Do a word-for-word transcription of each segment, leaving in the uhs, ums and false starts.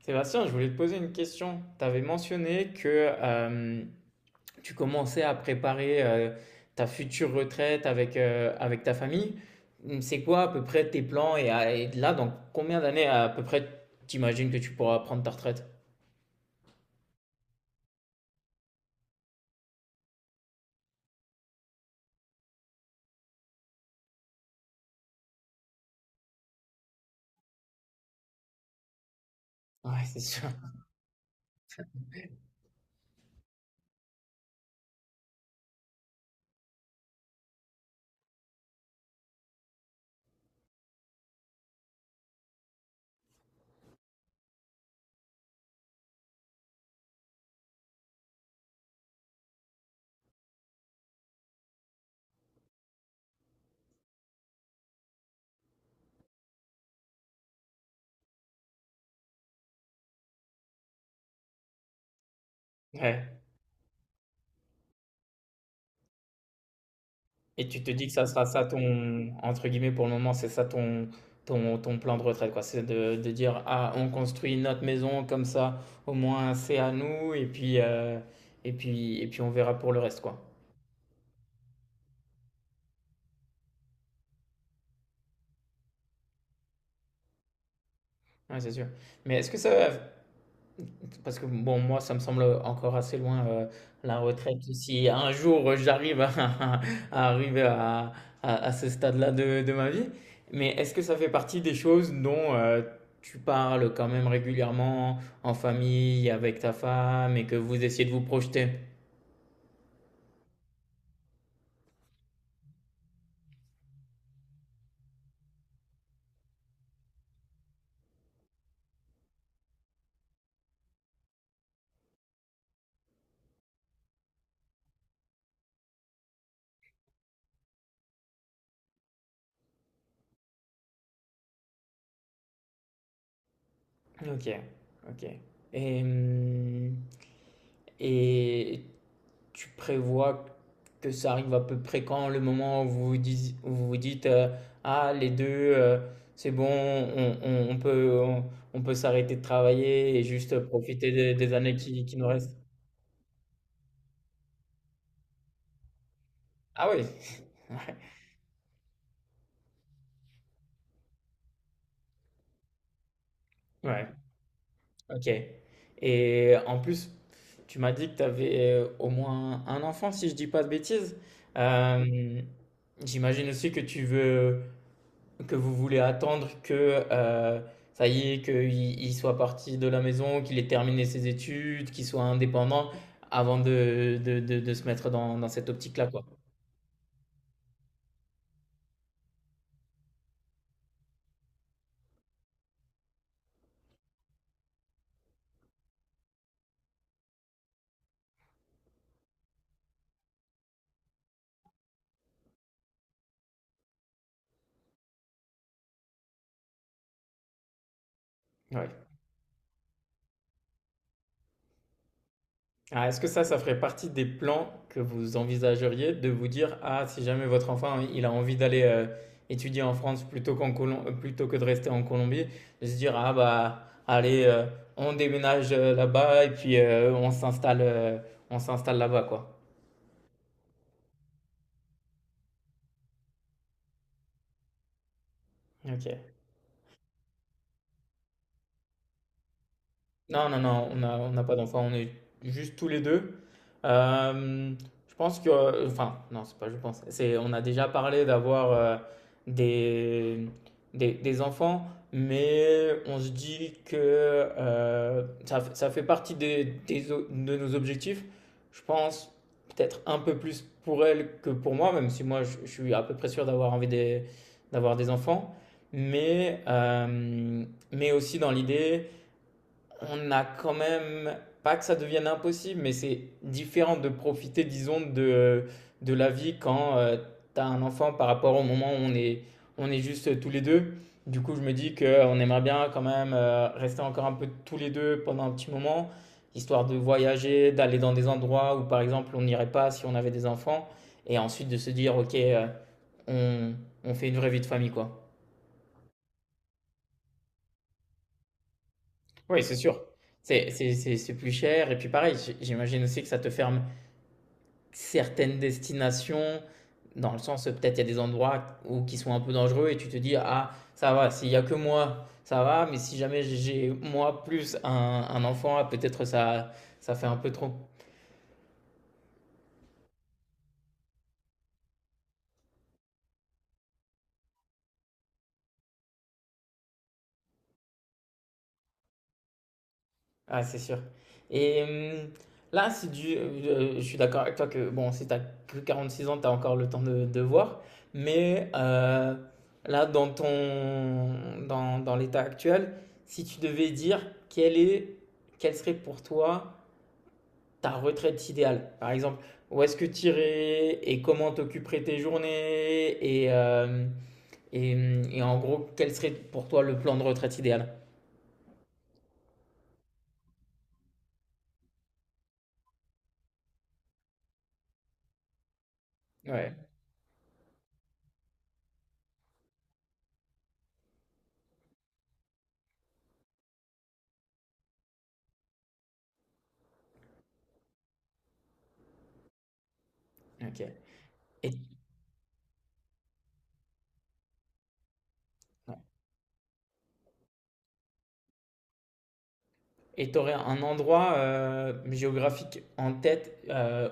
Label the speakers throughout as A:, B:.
A: Sébastien, je voulais te poser une question. Tu avais mentionné que euh, tu commençais à préparer euh, ta future retraite avec, euh, avec ta famille. C'est quoi à peu près tes plans et, à- et là, dans combien d'années à peu près t'imagines que tu pourras prendre ta retraite? Ouais, c'est sûr. Ouais. Et tu te dis que ça sera ça ton, entre guillemets, pour le moment, c'est ça ton, ton, ton plan de retraite, quoi. C'est de, de dire, ah, on construit notre maison comme ça, au moins c'est à nous, et puis, euh, et puis, et puis on verra pour le reste, quoi. Ouais, c'est sûr. Mais est-ce que ça, parce que bon, moi, ça me semble encore assez loin euh, la retraite. Si un jour euh, j'arrive à, à arriver à, à- à ce stade-là de, de ma vie, mais est-ce que ça fait partie des choses dont euh, tu parles quand même régulièrement en famille, avec ta femme, et que vous essayez de vous projeter? Ok, ok. Et, hum, et tu prévois que ça arrive à peu près quand le moment où vous vous dites, où vous vous dites, euh, ah les deux euh, c'est bon on, on- on peut on, on peut s'arrêter de travailler et juste profiter des, des années qui, qui nous restent. Ah oui, ouais, ok. Et en plus tu m'as dit que tu avais au moins un enfant si je dis pas de bêtises. Euh, J'imagine aussi que tu veux. Que vous voulez attendre que euh, ça y est, qu'il il soit parti de la maison, qu'il ait terminé ses études, qu'il soit indépendant avant de, de, de- de se mettre dans, dans cette optique-là, quoi. Ouais. Ah, est-ce que ça, ça ferait partie des plans que vous envisageriez de vous dire, ah, si jamais votre enfant, il a envie d'aller euh, étudier en France plutôt qu'en Colom- euh, plutôt que de rester en Colombie, de se dire, ah, bah, allez, euh, on déménage euh, là-bas et puis euh, on s'installe euh, on s'installe là-bas, quoi. Ok. Non, non, non, on n'a on n'a pas d'enfant, on est juste tous les deux. Euh, je pense que, enfin, non, c'est pas je pense, c'est, on a déjà parlé d'avoir euh, des, des, des enfants, mais on se dit que euh, ça, f- ça fait partie des, des o- de nos objectifs. Je pense peut-être un peu plus pour elle que pour moi, même si moi je, je suis à peu près sûr d'avoir envie des- d'avoir des enfants, mais, euh, mais aussi dans l'idée on a quand même, pas que ça devienne impossible, mais c'est différent de profiter, disons, de, de la vie quand euh, t'as un enfant par rapport au moment où on est, on est juste tous les deux. Du coup, je me dis qu'on aimerait bien quand même euh, rester encore un peu tous les deux pendant un petit moment, histoire de voyager, d'aller dans des endroits où, par exemple, on n'irait pas si on avait des enfants, et ensuite de se dire, OK, euh, on, on fait une vraie vie de famille, quoi. Oui, c'est sûr. C'est c'est- c'est- c'est plus cher, et puis pareil, j'- j'imagine aussi que ça te ferme certaines destinations, dans le sens, euh, peut-être il y a des endroits où, qui sont un peu dangereux et tu te dis, ah, ça va, s'il y a que moi, ça va, mais si jamais j'ai moi plus un, un enfant, ah, peut-être ça, ça fait un peu trop. Ah, c'est sûr. Et hum, là, si du, euh, je suis d'accord avec toi que, bon, si t'as que quarante-six ans, t'as encore le temps de, de voir, mais euh, là, dans ton, dans, dans l'état actuel, si tu devais dire quel est, quel serait pour toi ta retraite idéale, par exemple, où est-ce que tu irais et comment t'occuperais tes journées et, euh, et, et en gros, quel serait pour toi le plan de retraite idéal? Ouais, ok. Et et tu aurais un endroit euh, géographique en tête euh,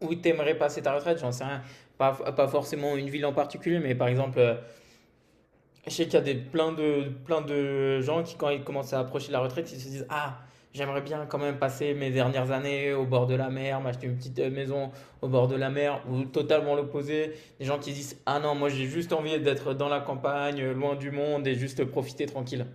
A: où tu aimerais passer ta retraite, j'en sais rien. Pas, pas forcément une ville en particulier, mais par exemple, euh, je sais qu'il y a des, plein de, plein de gens qui, quand ils commencent à approcher la retraite, ils se disent, ah, j'aimerais bien quand même passer mes dernières années au bord de la mer, m'acheter une petite euh, maison au bord de la mer, ou totalement l'opposé. Des gens qui disent, ah non, moi j'ai juste envie d'être dans la campagne, euh, loin du monde et juste profiter tranquille.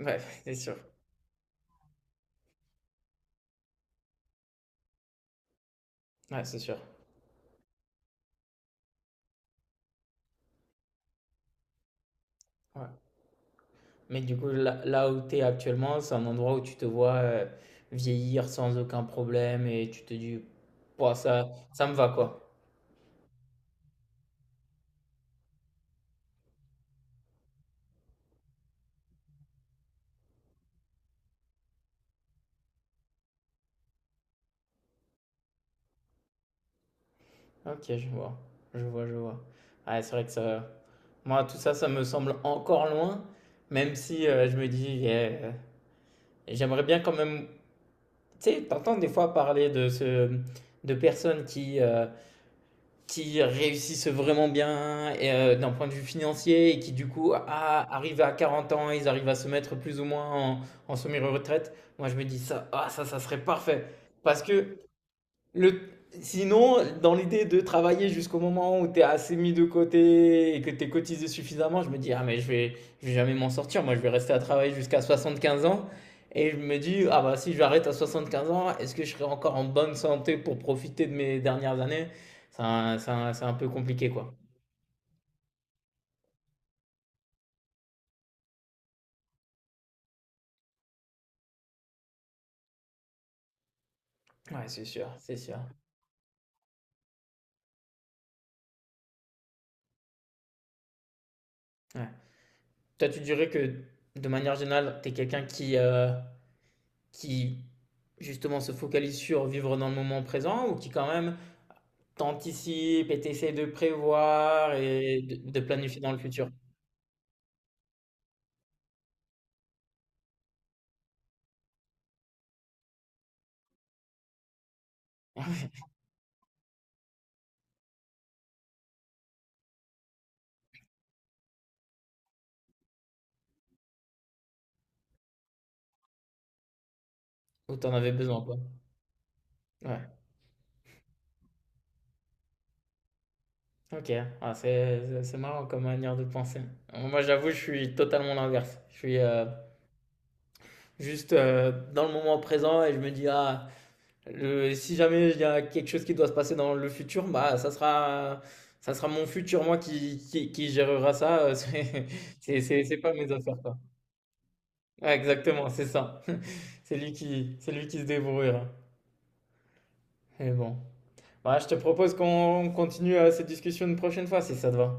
A: Ouais, c'est sûr. Ouais, c'est sûr. Ouais. Mais du coup, là, là où tu es actuellement, c'est un endroit où tu te vois euh, vieillir sans aucun problème et tu te dis, pouah, ça, ça me va quoi. OK, je vois. Je vois, je vois. Ouais, c'est vrai que ça moi, tout ça, ça me semble encore loin, même si euh, je me dis, eh, euh, j'aimerais bien quand même. Tu sais, t'entends des fois parler de ce, de personnes qui, euh, qui réussissent vraiment bien et, euh, d'un point de vue financier et qui, du coup, ah, arrivent à quarante ans, ils arrivent à se mettre plus ou moins en, en semi-retraite. Moi, je me dis, ça, ah, ça, ça serait parfait. Parce que le... Sinon, dans l'idée de travailler jusqu'au moment où tu es assez mis de côté et que tu es cotisé suffisamment, je me dis, ah mais je vais, je vais jamais m'en sortir, moi je vais rester à travailler jusqu'à soixante-quinze ans. Et je me dis, ah bah si j'arrête à soixante-quinze ans, est-ce que je serai encore en bonne santé pour profiter de mes dernières années? C'est un, c'est un- c'est un peu compliqué quoi. Ouais, c'est sûr, c'est sûr. Ouais. Toi, tu dirais que de manière générale, tu es quelqu'un qui, euh, qui justement se focalise sur vivre dans le moment présent ou qui quand même t'anticipes et t'essayes de prévoir et de, de planifier dans le futur où t'en avais besoin, quoi. Ouais, ok. Ah, c'est c'est- c'est marrant comme manière de penser. Moi, j'avoue, je suis totalement l'inverse. Je suis euh, juste euh, dans le moment présent et je me dis, ah, le- si jamais il y a quelque chose qui doit se passer dans le futur, bah, ça sera, ça sera mon futur, moi, qui, qui, qui gérera ça. Euh, C'est c'est- c'est- c'est pas mes affaires, quoi. Ouais, exactement, c'est ça. C'est lui qui, c'est lui qui se débrouillera. Mais bon. Ouais, je te propose qu'on continue euh, cette discussion une prochaine fois si ça te va.